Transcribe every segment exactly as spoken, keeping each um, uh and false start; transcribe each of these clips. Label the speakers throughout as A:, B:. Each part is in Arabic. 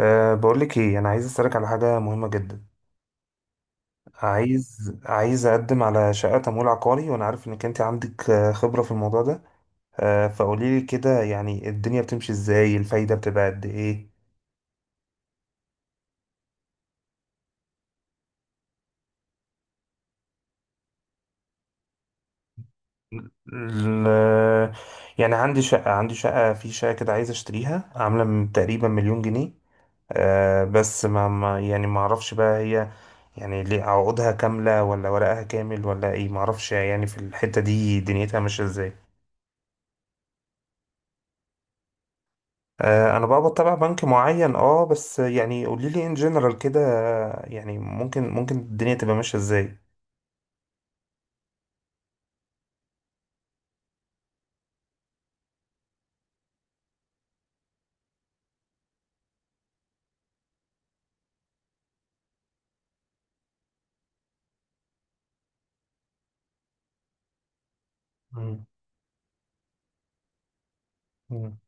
A: أه بقولك ايه، انا عايز اسالك على حاجه مهمه جدا. عايز عايز اقدم على شقه تمويل عقاري، وانا عارف انك انت عندك آه، خبره في الموضوع ده. أه فقوليلي كده، يعني الدنيا بتمشي ازاي؟ الفايده بتبقى قد ايه؟ ال- يعني عندي شقه، عندي شقه في شقه كده عايز اشتريها، عامله من تقريبا مليون جنيه. أه بس ما ما- يعني ما اعرفش بقى هي يعني ليه، عقودها كامله ولا ورقها كامل ولا ايه؟ ما اعرفش يعني في الحته دي دنيتها ماشيه ازاي. آه، انا بقى بتابع بنك معين، اه بس يعني قولي لي ان جنرال كده، آه، يعني ممكن ممكن الدنيا تبقى ماشيه ازاي. مم. مم.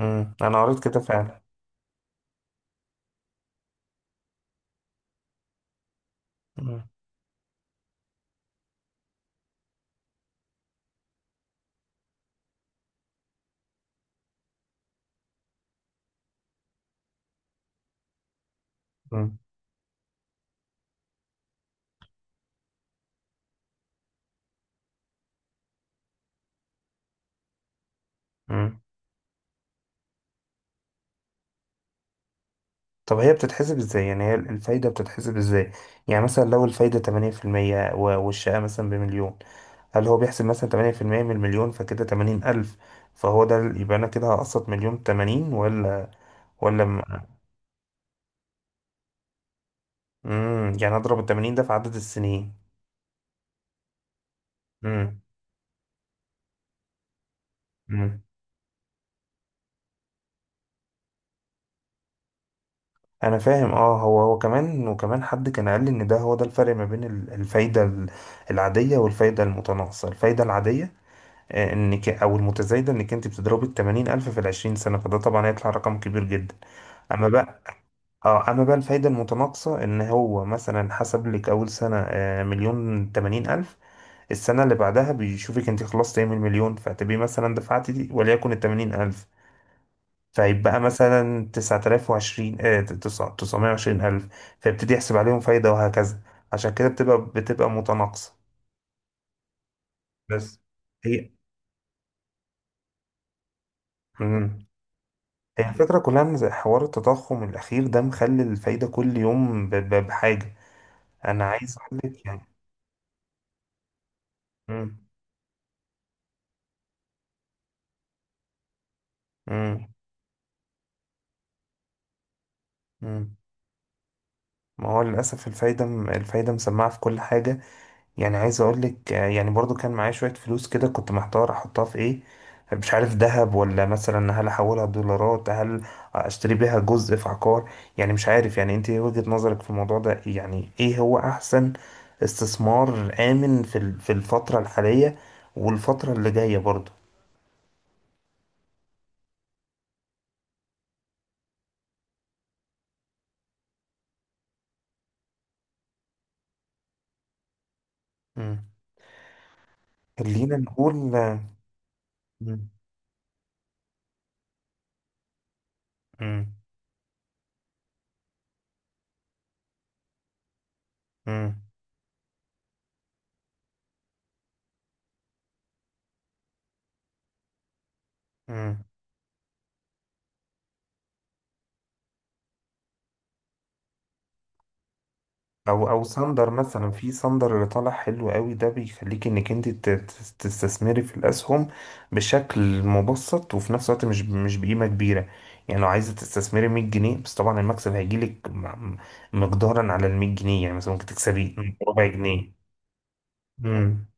A: امم انا قريت كده فعلا. مم. امم. امم. طب هي بتتحسب ازاي؟ يعني هي الفايده بتتحسب ازاي؟ يعني مثلا لو الفايده تمنية في المية و- والشقه مثلا بمليون، هل هو بيحسب مثلا ثمانية في المئة من المليون، فكده ثمانين ألف؟ فهو ده ال- يبقى انا كده هقسط مليون تمانين؟ ولا ولا؟ امم يعني اضرب ال تمانين ده في عدد السنين؟ امم. انا فاهم، اه هو هو كمان، وكمان حد كان قال لي ان ده، هو ده الفرق ما بين ال- الفايده ال- العاديه والفايده المتناقصه. الفايده العاديه آه، انك، او المتزايده، انك انت بتضربي ال تمانين الف في ال عشرين سنه، فده طبعا هيطلع رقم كبير جدا. اما بقى، اه اما بقى الفايده المتناقصه، ان هو مثلا حسب لك اول سنه آه، مليون تمانين الف، السنه اللي بعدها بيشوفك انت خلصت ايه من المليون، فتبقي مثلا دفعتي دي، وليكن ال تمانين الف، فيبقى مثلا تسعة آلاف وعشرين، آه تسعمية وعشرين ألف، فيبتدي يحسب عليهم فايدة، وهكذا. عشان كده بتبقى بتبقى متناقصة. بس هي. مم. هي الفكرة كلها، إن زي حوار التضخم الأخير ده، مخلي الفايدة كل يوم ب- ب- بحاجة. أنا عايز أقول لك يعني. مم. مم. مم. ما هو للأسف الفايدة، الفايدة مسمعة في كل حاجة. يعني عايز اقول لك، آه، يعني برضو كان معايا شوية فلوس كده، كنت محتار احطها في ايه. مش عارف، ذهب؟ ولا مثلا هل احولها دولارات؟ هل اشتري بيها جزء في عقار؟ يعني مش عارف، يعني انت إيه وجهة نظرك في الموضوع ده؟ يعني ايه هو احسن استثمار آمن في ال- في الفترة الحالية، والفترة اللي جاية برضو؟ مم. خلينا نقول، مم. مم. مم. مم. او او صندر، مثلا في صندر، اللي طالع حلو قوي ده، بيخليك انك انت ت- ت- تستثمري في الاسهم بشكل مبسط، وفي نفس الوقت مش مش بقيمه كبيره. يعني لو عايزه تستثمري مية جنيه بس، طبعا المكسب هيجيلك م- مقدارا على ال مية جنيه، يعني مثلا ممكن تكسبي ربع جنيه. امم.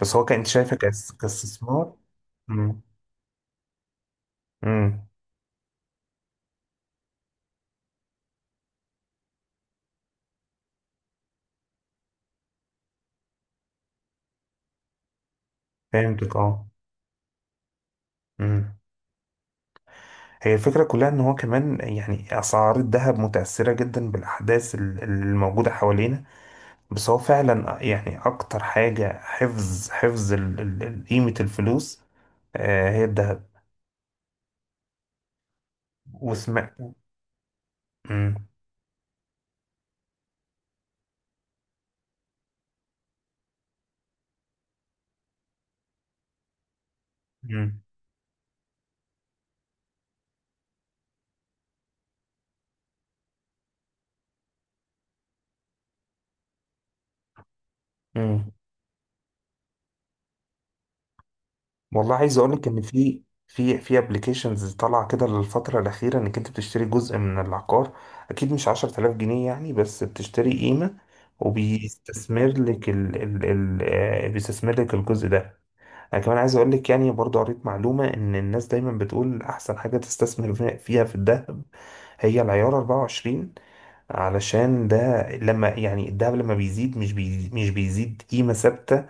A: بس هو كانت شايفه كاس- كاستثمار. امم. امم. فهمتك، اه. امم. هي الفكرة كلها، إن هو كمان يعني أسعار الذهب متأثرة جدا بالأحداث ال- الموجودة حوالينا، بس هو فعلا يعني اكتر حاجة حفظ، حفظ ال- ال- ال- قيمة الفلوس آه، هي الذهب. وسمع. مم. مم. مم. والله عايز اقول لك، ان في في في ابلكيشنز طالعه كده للفتره الاخيره، انك انت بتشتري جزء من العقار، اكيد مش عشرتلاف جنيه يعني، بس بتشتري قيمه، وبيستثمر لك ال ال ال آه، بيستثمر لك الجزء ده. انا كمان عايز اقول لك، يعني برضو قريت معلومة ان الناس دايما بتقول احسن حاجة تستثمر في- فيها في الذهب، هي العيار اربعة وعشرين. علشان ده، لما يعني الذهب لما بيزيد، مش بيزيد مش بيزيد قيمة ثابتة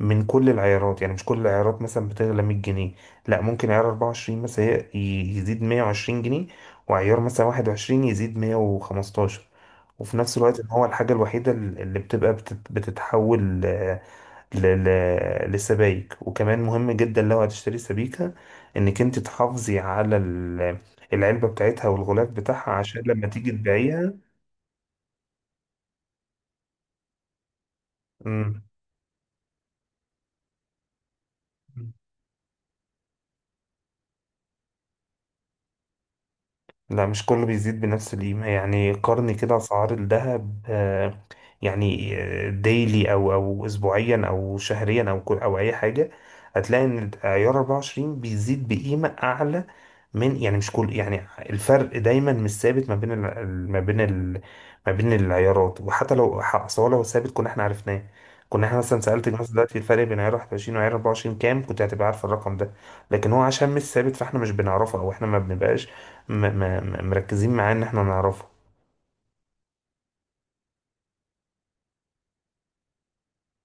A: من كل العيارات. يعني مش كل العيارات مثلا بتغلى مائة جنيه، لا، ممكن عيار اربعة وعشرين مثلا ي- ي- يزيد مائة وعشرين جنيه، وعيار مثلا واحد وعشرين يزيد مية وخمستاشر. وفي نفس الوقت، ان هو الحاجة الوحيدة اللي بتبقى بتت- بتتحول ل- ل- للسبايك. وكمان مهم جدا لو هتشتري سبيكة، انك انت تحافظي على ال- العلبة بتاعتها والغلاف بتاعها، عشان لما تيجي تبيعيها. مم. لا، مش كله بيزيد بنفس القيمة. يعني قارني كده أسعار الذهب، آه، يعني آه، ديلي أو أو أسبوعيا أو شهريا أو كل، أو أي حاجة، هتلاقي إن عيار اربعة وعشرين بيزيد بقيمة أعلى من، يعني مش كل، يعني الفرق دايما مش ثابت ما بين ال- ال- ما بين ال- ما بين العيارات. وحتى لو ح- أصل هو لو ثابت كنا احنا عرفناه، كنا احنا مثلا سألت الناس دلوقتي الفرق بين عيار واحد وعشرين وعيار اربعة وعشرين كام، كنت هتبقى عارف الرقم ده. لكن هو عشان مش ثابت، فاحنا مش بنعرفه، او احنا ما بنبقاش م م مركزين معاه ان احنا نعرفه.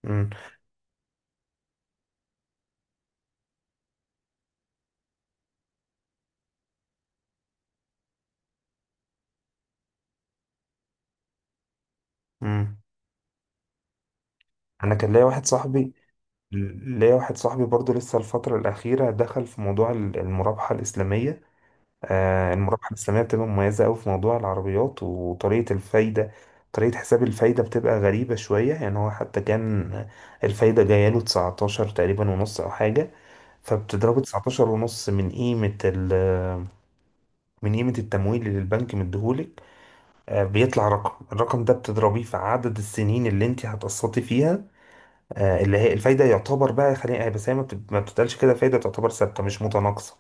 A: مم. مم. انا كان ليا واحد صاحبي ليا واحد صاحبي برضو، لسه الفترة الأخيرة دخل في موضوع ال- المرابحة الإسلامية. آه المرابحة الإسلامية بتبقى مميزة أوي في موضوع العربيات وطريقة الفايدة. طريقة حساب الفايدة بتبقى غريبة شوية، يعني هو حتى كان الفايدة جاية له تسعة عشر تقريبا ونص، أو حاجة. فبتضربه تسعتاشر ونص من قيمة ال من قيمة التمويل اللي البنك مديهولك، آه، بيطلع رقم. الرقم ده بتضربيه في عدد السنين اللي انت هتقسطي فيها، آه، اللي هي الفايدة، يعتبر بقى، خلينا بس، هي ما بت- ما بتتقالش كده فايدة، تعتبر ثابتة مش متناقصة.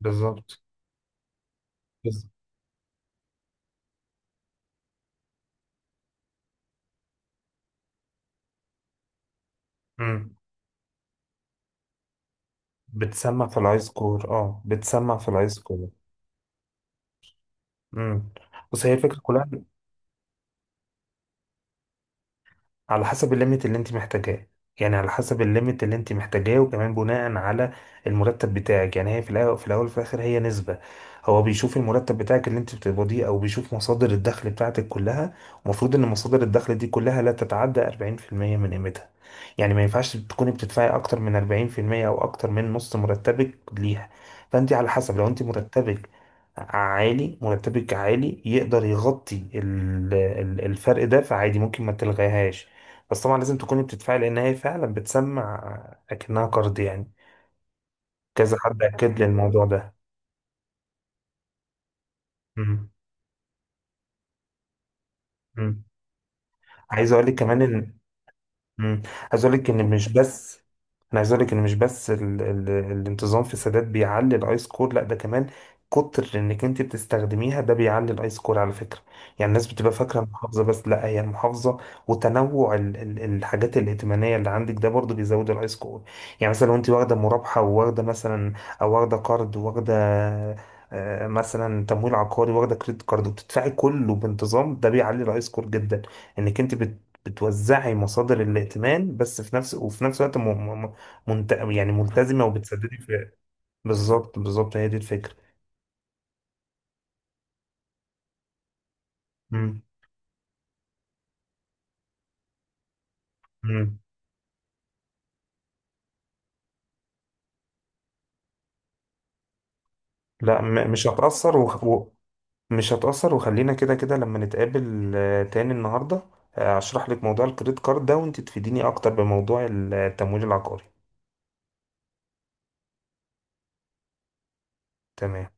A: بالظبط. بالظبط. امم. بتسمع في الاي سكور، اه بتسمع في الاي سكور. امم. بس هي الفكره كلها، على حسب الليميت اللي انت محتاجاه، يعني على حسب الليميت اللي انت محتاجاه، وكمان بناء على المرتب بتاعك. يعني هي في الاول، في الاول وفي الاخر هي نسبة. هو بيشوف المرتب بتاعك اللي انت بتقبضيه، او بيشوف مصادر الدخل بتاعتك كلها. المفروض ان مصادر الدخل دي كلها لا تتعدى أربعين في المئة من قيمتها، يعني ما ينفعش تكوني بتدفعي اكتر من اربعين في المية، او اكتر من نص مرتبك ليها. فانت على حسب، لو انت مرتبك عالي مرتبك عالي يقدر يغطي ال- ال- الفرق ده، فعادي ممكن ما تلغيهاش. بس طبعا لازم تكوني بتدفعي، لان هي فعلا بتسمع اكنها قرض يعني. كذا حد اكد لي الموضوع ده. مم. مم. عايز اقول لك كمان. مم. عايز اقول لك ان مش بس. انا عايز اقول لك ان مش بس ال... ال... الانتظام في السادات بيعلي الاي سكور، لا ده كمان كتر انك انت بتستخدميها ده بيعلي الاي سكور على فكره. يعني الناس بتبقى فاكره المحافظه بس، لا، هي المحافظه وتنوع ال... ال... الحاجات الائتمانيه اللي عندك، ده برضو بيزود الاي سكور. يعني مثلا لو انت واخده مرابحه، وواخده مثلا، او واخده قرض، وواخده آه، مثلا تمويل عقاري، واخده كريدت كارد، وبتدفعي كله بانتظام، ده بيعلي الاي سكور جدا، انك انت بتوزعي مصادر الائتمان. بس في نفس وفي نفس الوقت م... م... منت... يعني ملتزمة وبتسددي في. بالظبط، بالظبط، هي دي الفكرة. مم. مم. لا، م... مش هتأثر. وخ... و... مش هتأثر. وخلينا كده كده لما نتقابل آه، تاني النهاردة، آه، أشرح لك موضوع الكريدت كارد ده، وأنت تفيديني أكتر بموضوع التمويل العقاري. تمام.